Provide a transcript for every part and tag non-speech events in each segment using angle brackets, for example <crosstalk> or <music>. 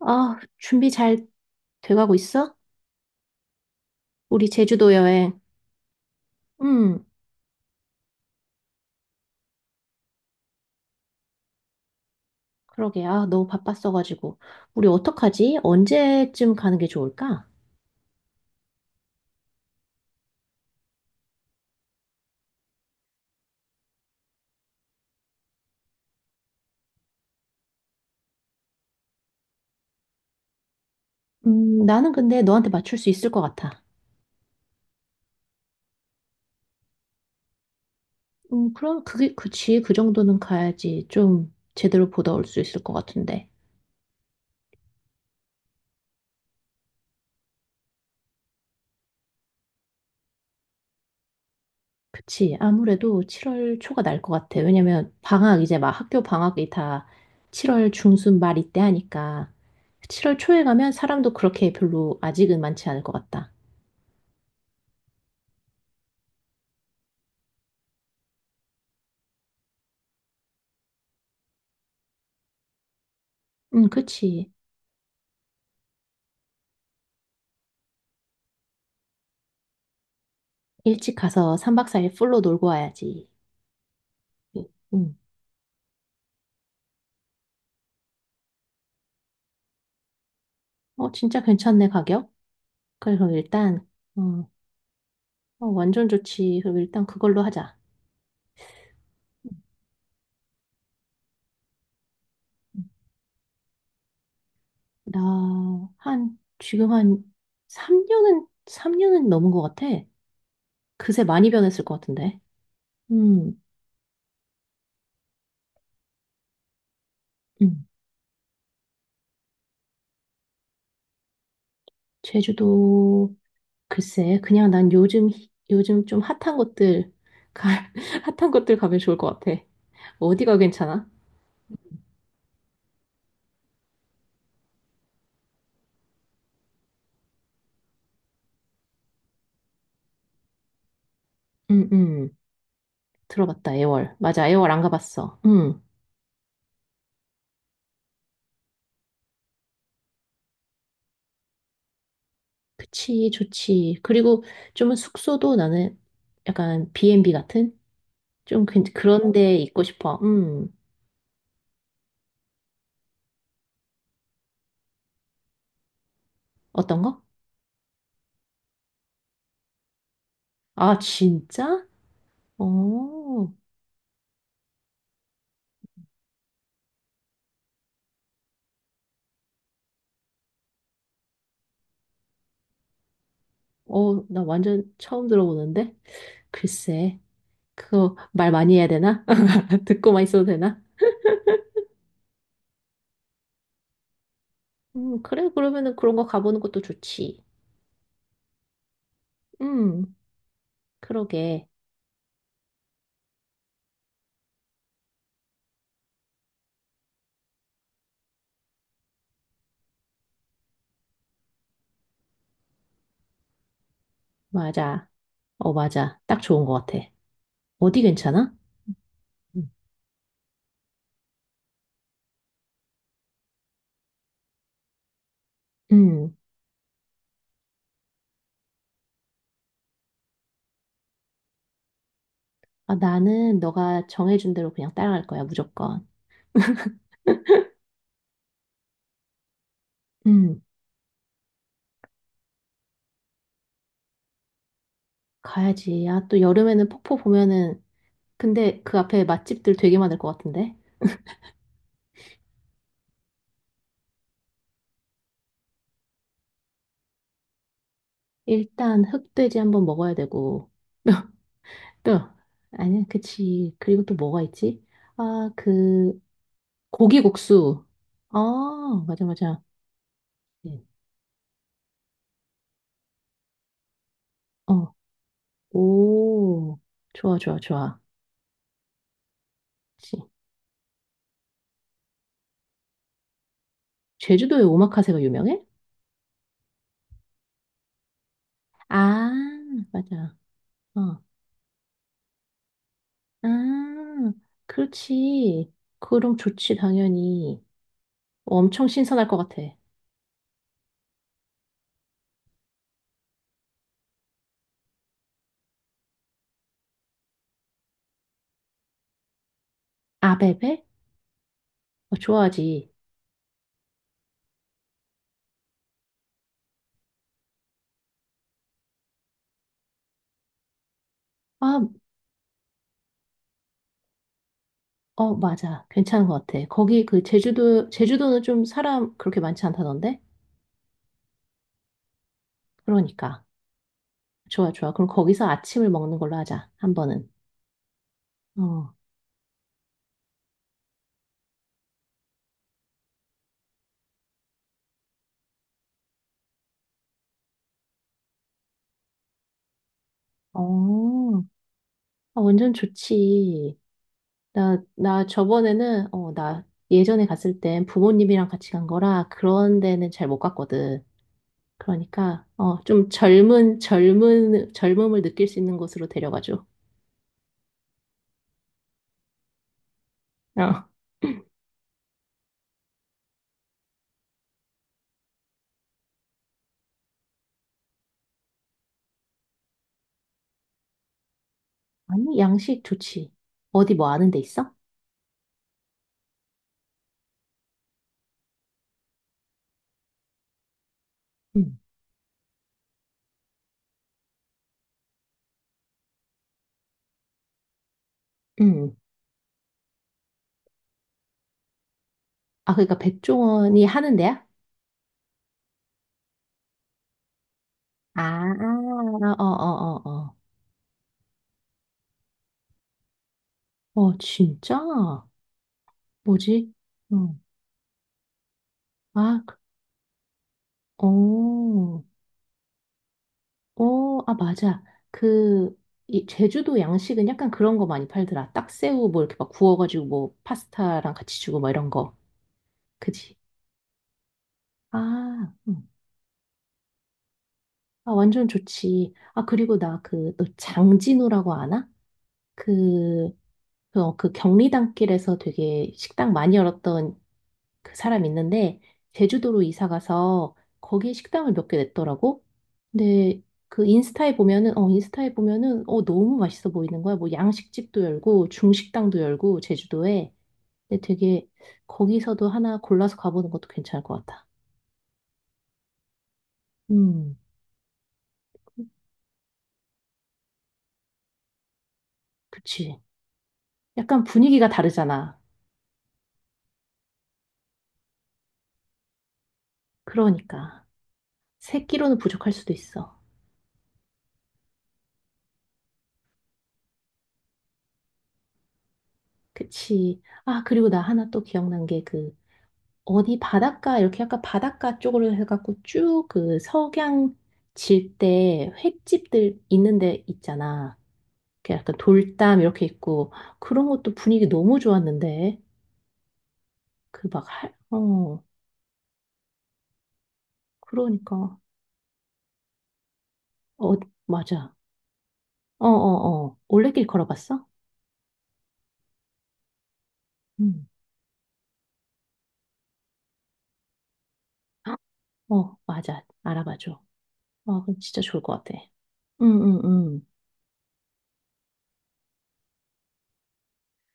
아, 준비 잘 돼가고 있어? 우리 제주도 여행. 음, 그러게. 아, 너무 바빴어가지고. 우리 어떡하지? 언제쯤 가는 게 좋을까? 나는 근데 너한테 맞출 수 있을 것 같아. 그럼 그치. 그 정도는 가야지. 좀 제대로 보다 올 수 있을 것 같은데. 그치. 아무래도 7월 초가 날 것 같아. 왜냐면 방학, 이제 막 학교 방학이 다 7월 중순 말 이때 하니까. 7월 초에 가면 사람도 그렇게 별로 아직은 많지 않을 것 같다. 응, 그치. 일찍 가서 3박 4일 풀로 놀고 와야지. 응. 어, 진짜 괜찮네, 가격? 그래, 그럼 일단, 어, 어, 완전 좋지. 그럼 일단 그걸로 하자. 응. 나, 한, 지금 한 3년은 넘은 것 같아. 그새 많이 변했을 것 같은데. 음, 음. 제주도, 글쎄, 그냥 난 요즘 좀 핫한 곳들, 가, <laughs> 핫한 곳들 가면 좋을 것 같아. 어디가 괜찮아? 응, 응. 들어봤다, 애월. 맞아, 애월 안 가봤어. 응. 그치, 좋지. 그리고 좀은 숙소도 나는 약간 B&B 같은? 좀 그런 데 있고 싶어. 어떤 거? 아, 진짜? 어, 어, 나 완전 처음 들어보는데? 글쎄, 그거 말 많이 해야 되나? <laughs> 듣고만 있어도 되나? 그래, 그러면은 그런 거 가보는 것도 좋지. 음, 그러게. 맞아. 어, 맞아. 딱 좋은 것 같아. 어디 괜찮아? 음. 아, 나는 너가 정해준 대로 그냥 따라갈 거야, 무조건. 음. 가야지. 아, 또 여름에는 폭포 보면은, 근데 그 앞에 맛집들 되게 많을 것 같은데? 일단 흑돼지 한번 먹어야 되고. <laughs> 또, 아니, 그치. 그리고 또 뭐가 있지? 아, 고기국수. 아, 맞아, 맞아. 네. 어, 오, 좋아, 좋아, 좋아. 그치. 제주도에 오마카세가 유명해? 아, 맞아. 어. 아, 그렇지. 그럼 좋지, 당연히. 엄청 신선할 것 같아. 아베베? 어, 좋아하지. 아, 맞아. 괜찮은 것 같아. 거기 그 제주도는 좀 사람 그렇게 많지 않다던데? 그러니까. 좋아, 좋아. 그럼 거기서 아침을 먹는 걸로 하자. 한 번은. 어, 어, 아, 완전 좋지. 나 예전에 갔을 땐 부모님이랑 같이 간 거라 그런 데는 잘 못 갔거든. 그러니까 좀 젊은 젊은 젊음을 느낄 수 있는 곳으로 데려가줘. 어. 아니 양식 좋지. 어디 뭐 아는 데 있어? 응. 응. 아 그러니까 백종원이 하는 데야? 아, 아, 어, 어, 어, 어. 어, 진짜? 뭐지? 응. 아, 어, 어, 아, 맞아. 그, 이 제주도 양식은 약간 그런 거 많이 팔더라. 딱새우 뭐 이렇게 막 구워가지고 뭐 파스타랑 같이 주고 뭐 이런 거. 그지? 아, 응. 아, 완전 좋지. 아, 그리고 나 너 장진우라고 아나? 그, 그 경리단길에서 되게 식당 많이 열었던 그 사람 있는데, 제주도로 이사 가서 거기 식당을 몇 개 냈더라고? 근데 그 인스타에 보면은, 너무 맛있어 보이는 거야. 뭐 양식집도 열고, 중식당도 열고, 제주도에. 근데 되게 거기서도 하나 골라서 가보는 것도 괜찮을 것 같아. 음, 그치. 약간 분위기가 다르잖아. 그러니까. 세끼로는 부족할 수도 있어. 그치. 아, 그리고 나 하나 또 기억난 게 어디 바닷가, 이렇게 약간 바닷가 쪽으로 해갖고 쭉 그 석양 질 때 횟집들 있는 데 있잖아. 그 약간 돌담 이렇게 있고, 그런 것도 분위기 너무 좋았는데. 그 막, 그러니까. 어, 맞아. 어, 어, 어. 올레길 걸어봤어? 응. 어, 맞아. 알아봐줘. 아, 그럼 진짜 좋을 것 같아. 응, 응, 응.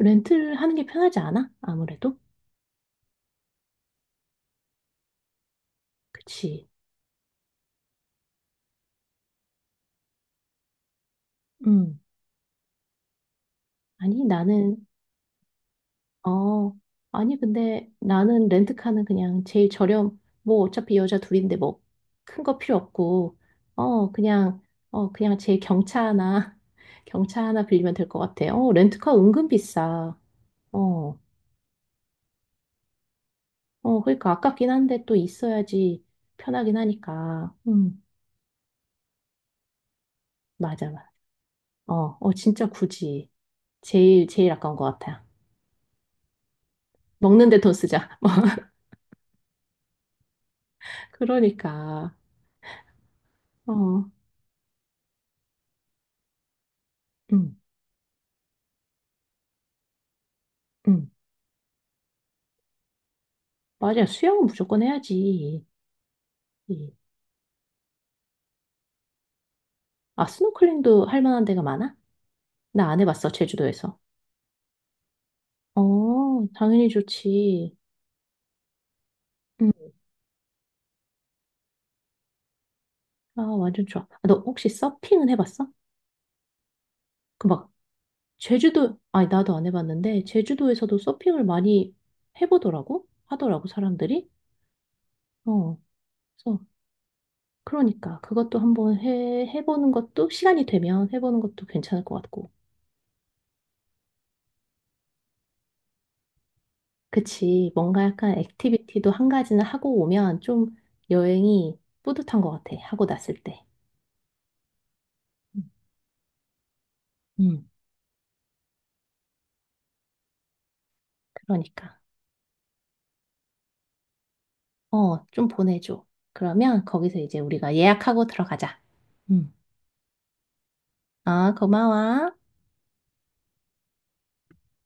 렌트를 하는 게 편하지 않아? 아무래도? 그치. 음. 아니, 나는, 어, 아니, 근데 나는 렌트카는 그냥 제일 저렴, 뭐 어차피 여자 둘인데 뭐 큰 거 필요 없고, 어, 그냥, 그냥 제일 경차 하나, <laughs> 경차 하나 빌리면 될 것 같아. 렌트카 은근 비싸. 어, 어, 그러니까 아깝긴 한데 또 있어야지 편하긴 하니까. 맞아, 맞아. 어, 어, 진짜 굳이. 제일 아까운 것 같아. 먹는데 돈 쓰자. <laughs> 그러니까, 어, 음, 음. 맞아. 수영은 무조건 해야지. 예. 아, 스노클링도 할 만한 데가 많아? 나 안 해봤어, 제주도에서. 어, 당연히 좋지. 음. 아, 완전 좋아. 아, 너 혹시 서핑은 해봤어? 그 막, 제주도, 아니, 나도 안 해봤는데, 제주도에서도 서핑을 많이 해보더라고? 하더라고, 사람들이. 어, 그래서, 그러니까, 그것도 한번 해보는 것도, 시간이 되면 해보는 것도 괜찮을 것 같고. 그치. 뭔가 약간 액티비티도 한 가지는 하고 오면 좀 여행이 뿌듯한 것 같아. 하고 났을 때. 음, 음, 그러니까. 어, 좀 보내줘. 그러면 거기서 이제 우리가 예약하고 들어가자. 음. 아, 고마워.